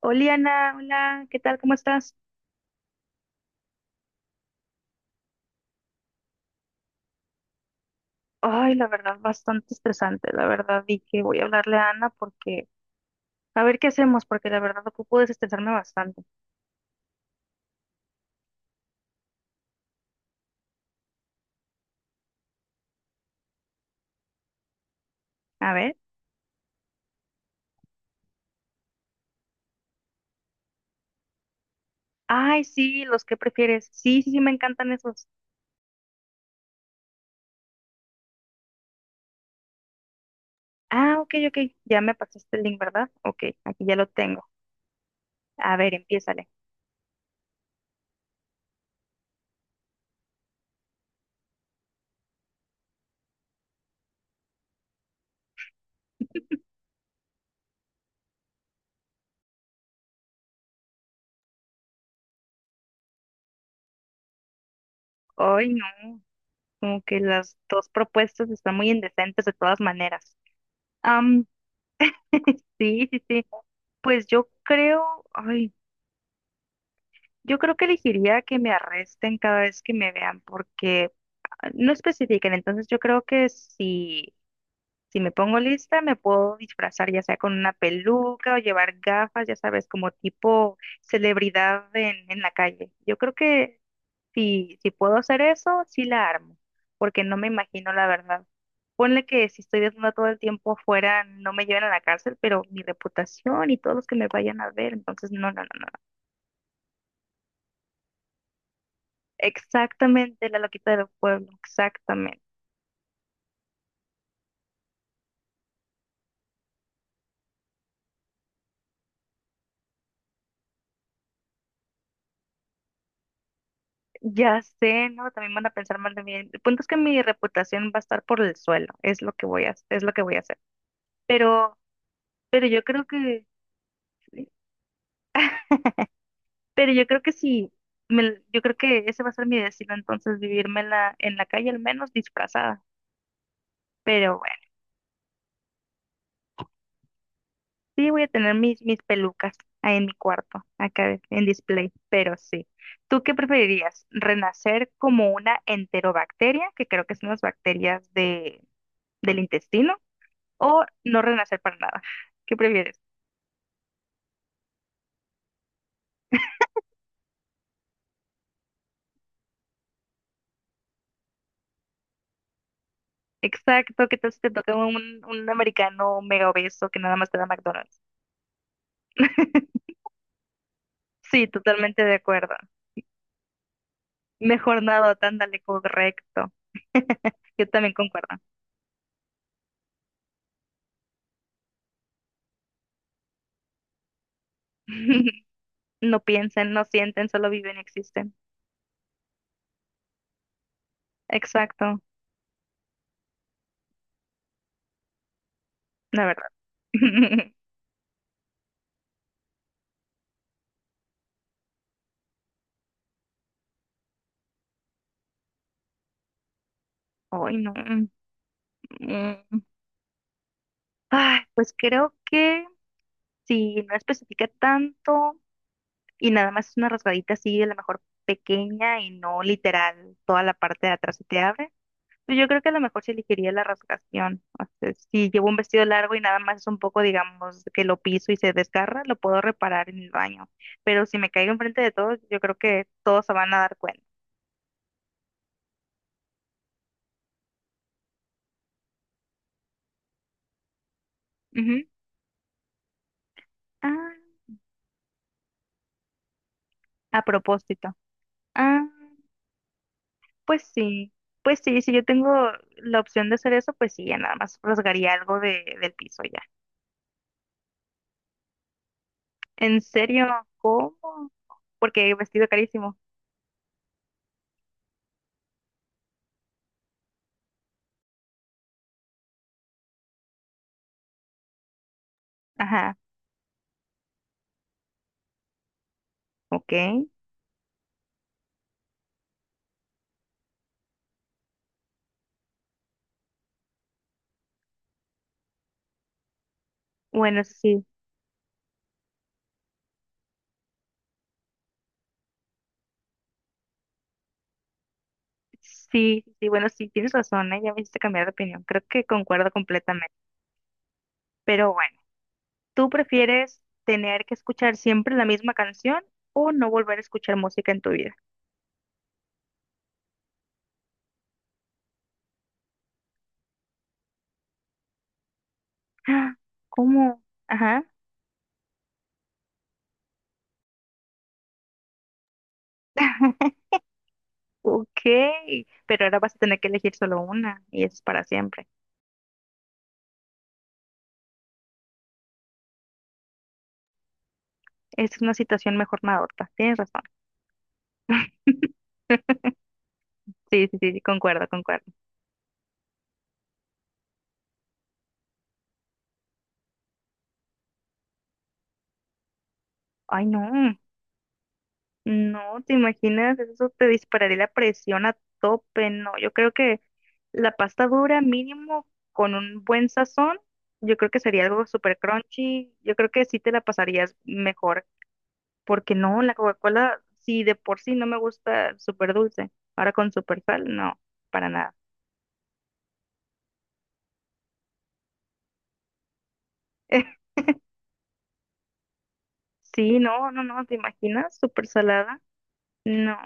Hola Ana, hola, ¿qué tal? ¿Cómo estás? Ay, la verdad, bastante estresante, la verdad, y que voy a hablarle a Ana porque, a ver qué hacemos, porque la verdad ocupo desestresarme bastante. A ver. Ay, sí, los que prefieres. Sí, sí, sí, me encantan esos. Ah, ok, ok, ya me pasaste el link, ¿verdad? Ok, aquí ya lo tengo. A ver, empiézale. Ay, no, como que las dos propuestas están muy indecentes de todas maneras. Am, sí, sí, sí. Pues yo creo, ay. Yo creo que elegiría que me arresten cada vez que me vean porque no especifican, entonces yo creo que si me pongo lista me puedo disfrazar ya sea con una peluca o llevar gafas, ya sabes, como tipo celebridad en la calle. Yo creo que si puedo hacer eso, sí la armo, porque no me imagino la verdad. Ponle que si estoy desnuda todo el tiempo afuera, no me lleven a la cárcel, pero mi reputación y todos los que me vayan a ver, entonces no, no, no, no. Exactamente, la loquita del pueblo, exactamente. Ya sé, ¿no? También van a pensar mal de mí. El punto es que mi reputación va a estar por el suelo, es lo que voy a hacer. Pero, pero sí, pero yo creo que sí, yo creo que ese va a ser mi destino, entonces vivirme en la, calle, al menos disfrazada. Pero bueno, sí voy a tener mis pelucas ahí en mi cuarto, acá en display, pero sí. ¿Tú qué preferirías? ¿Renacer como una enterobacteria, que creo que son las bacterias del intestino o no renacer para nada? ¿Qué prefieres? Exacto, ¿qué tal si te toca un americano mega obeso que nada más te da McDonald's? Sí, totalmente de acuerdo. Mejor nada, ándale, correcto. Yo también concuerdo. No piensen, no sienten, solo viven y existen. Exacto, la verdad. Ay, no. Mm. Ay, pues creo que si no especifica tanto. Y nada más es una rasgadita así, a lo mejor pequeña y no literal, toda la parte de atrás se te abre. Pues yo creo que a lo mejor se elegiría la rasgación. O sea, si llevo un vestido largo y nada más es un poco, digamos, que lo piso y se desgarra, lo puedo reparar en el baño. Pero si me caigo enfrente de todos, yo creo que todos se van a dar cuenta. Ujú. Ah, a propósito. Ah, pues sí. Pues sí, si yo tengo la opción de hacer eso, pues sí, ya nada más rasgaría algo del piso ya. En serio, ¿cómo? Porque vestido carísimo. Ajá, ok. Bueno, sí, sí, sí, bueno, sí, tienes razón, ¿eh? Ya me hiciste cambiar de opinión. Creo que concuerdo completamente. Pero bueno, ¿tú prefieres tener que escuchar siempre la misma canción o no volver a escuchar música en tu vida? Ah, ¿cómo? Ajá. Ok, pero ahora vas a tener que elegir solo una y eso es para siempre. Es una situación mejor nada. Tienes razón. Sí, sí, sí, sí, concuerdo, concuerdo. Ay, no. No, ¿te imaginas? Eso te dispararía la presión a tope. No, yo creo que la pasta dura mínimo con un buen sazón, yo creo que sería algo súper crunchy. Yo creo que sí te la pasarías mejor, porque no, la Coca-Cola, sí de por sí no me gusta súper dulce, ahora con súper sal, no, para nada. Sí, no, no, no, ¿te imaginas? Súper salada. No,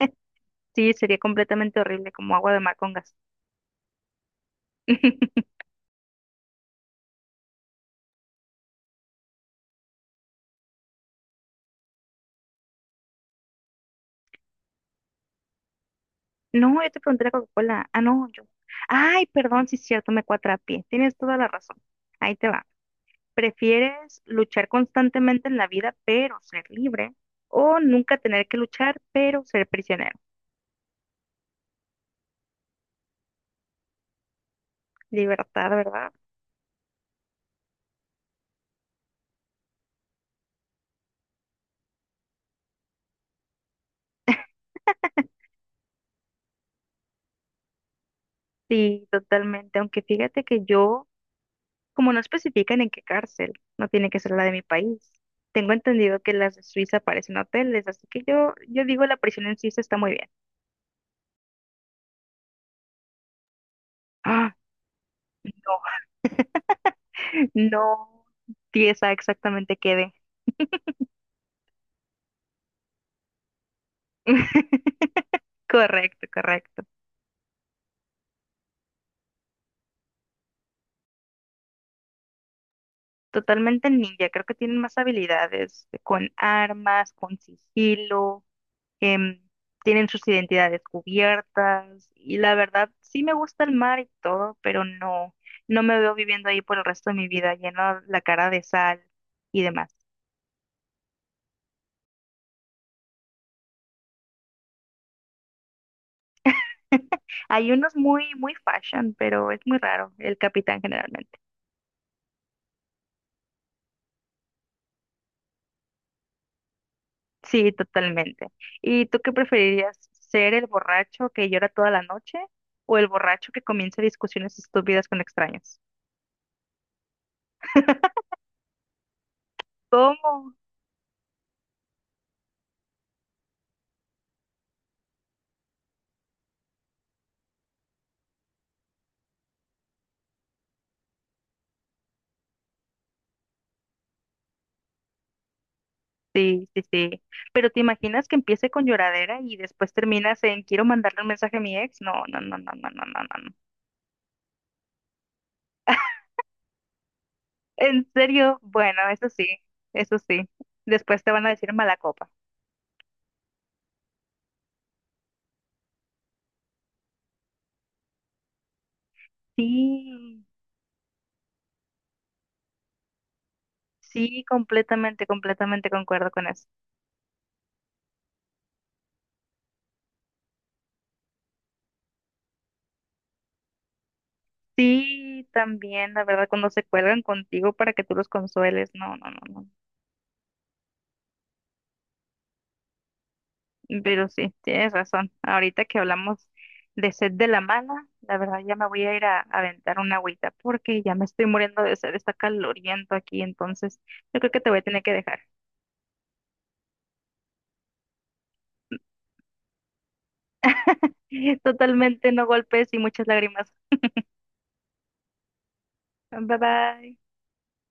sí, sería completamente horrible, como agua de mar con gas. No, yo te pregunté la Coca-Cola. Ah, no, yo. Ay, perdón, sí es cierto, me cuatrapié. Tienes toda la razón. Ahí te va. ¿Prefieres luchar constantemente en la vida, pero ser libre? ¿O nunca tener que luchar, pero ser prisionero? Libertad, ¿verdad? Sí, totalmente. Aunque fíjate que yo, como no especifican en qué cárcel, no tiene que ser la de mi país. Tengo entendido que las de Suiza parecen hoteles, así que yo, digo la prisión en Suiza está muy bien. Ah, no, no. Sí, esa exactamente quede. Correcto, correcto. Totalmente ninja. Creo que tienen más habilidades con armas, con sigilo, em, tienen sus identidades cubiertas. Y la verdad, sí me gusta el mar y todo, pero no, no me veo viviendo ahí por el resto de mi vida, lleno la cara de sal y demás. Hay unos muy, muy fashion, pero es muy raro, el capitán generalmente. Sí, totalmente. ¿Y tú qué preferirías? ¿Ser el borracho que llora toda la noche o el borracho que comienza discusiones estúpidas con extraños? ¿Cómo? Sí, sí, sí. Pero ¿te imaginas que empiece con lloradera y después terminas en quiero mandarle un mensaje a mi ex? No, no, no, no, no, no, no, no. No. En serio, bueno, eso sí, eso sí. Después te van a decir mala copa. Sí, sí, completamente, completamente concuerdo con eso. Sí, también, la verdad, cuando se cuelgan contigo para que tú los consueles, no, no, no, no. Pero sí, tienes razón. Ahorita que hablamos de sed de la mala, la verdad ya me voy a ir a aventar una agüita porque ya me estoy muriendo de sed, está caloriento aquí, entonces yo creo que te voy a tener que dejar. Totalmente no golpes y muchas lágrimas. Bye bye.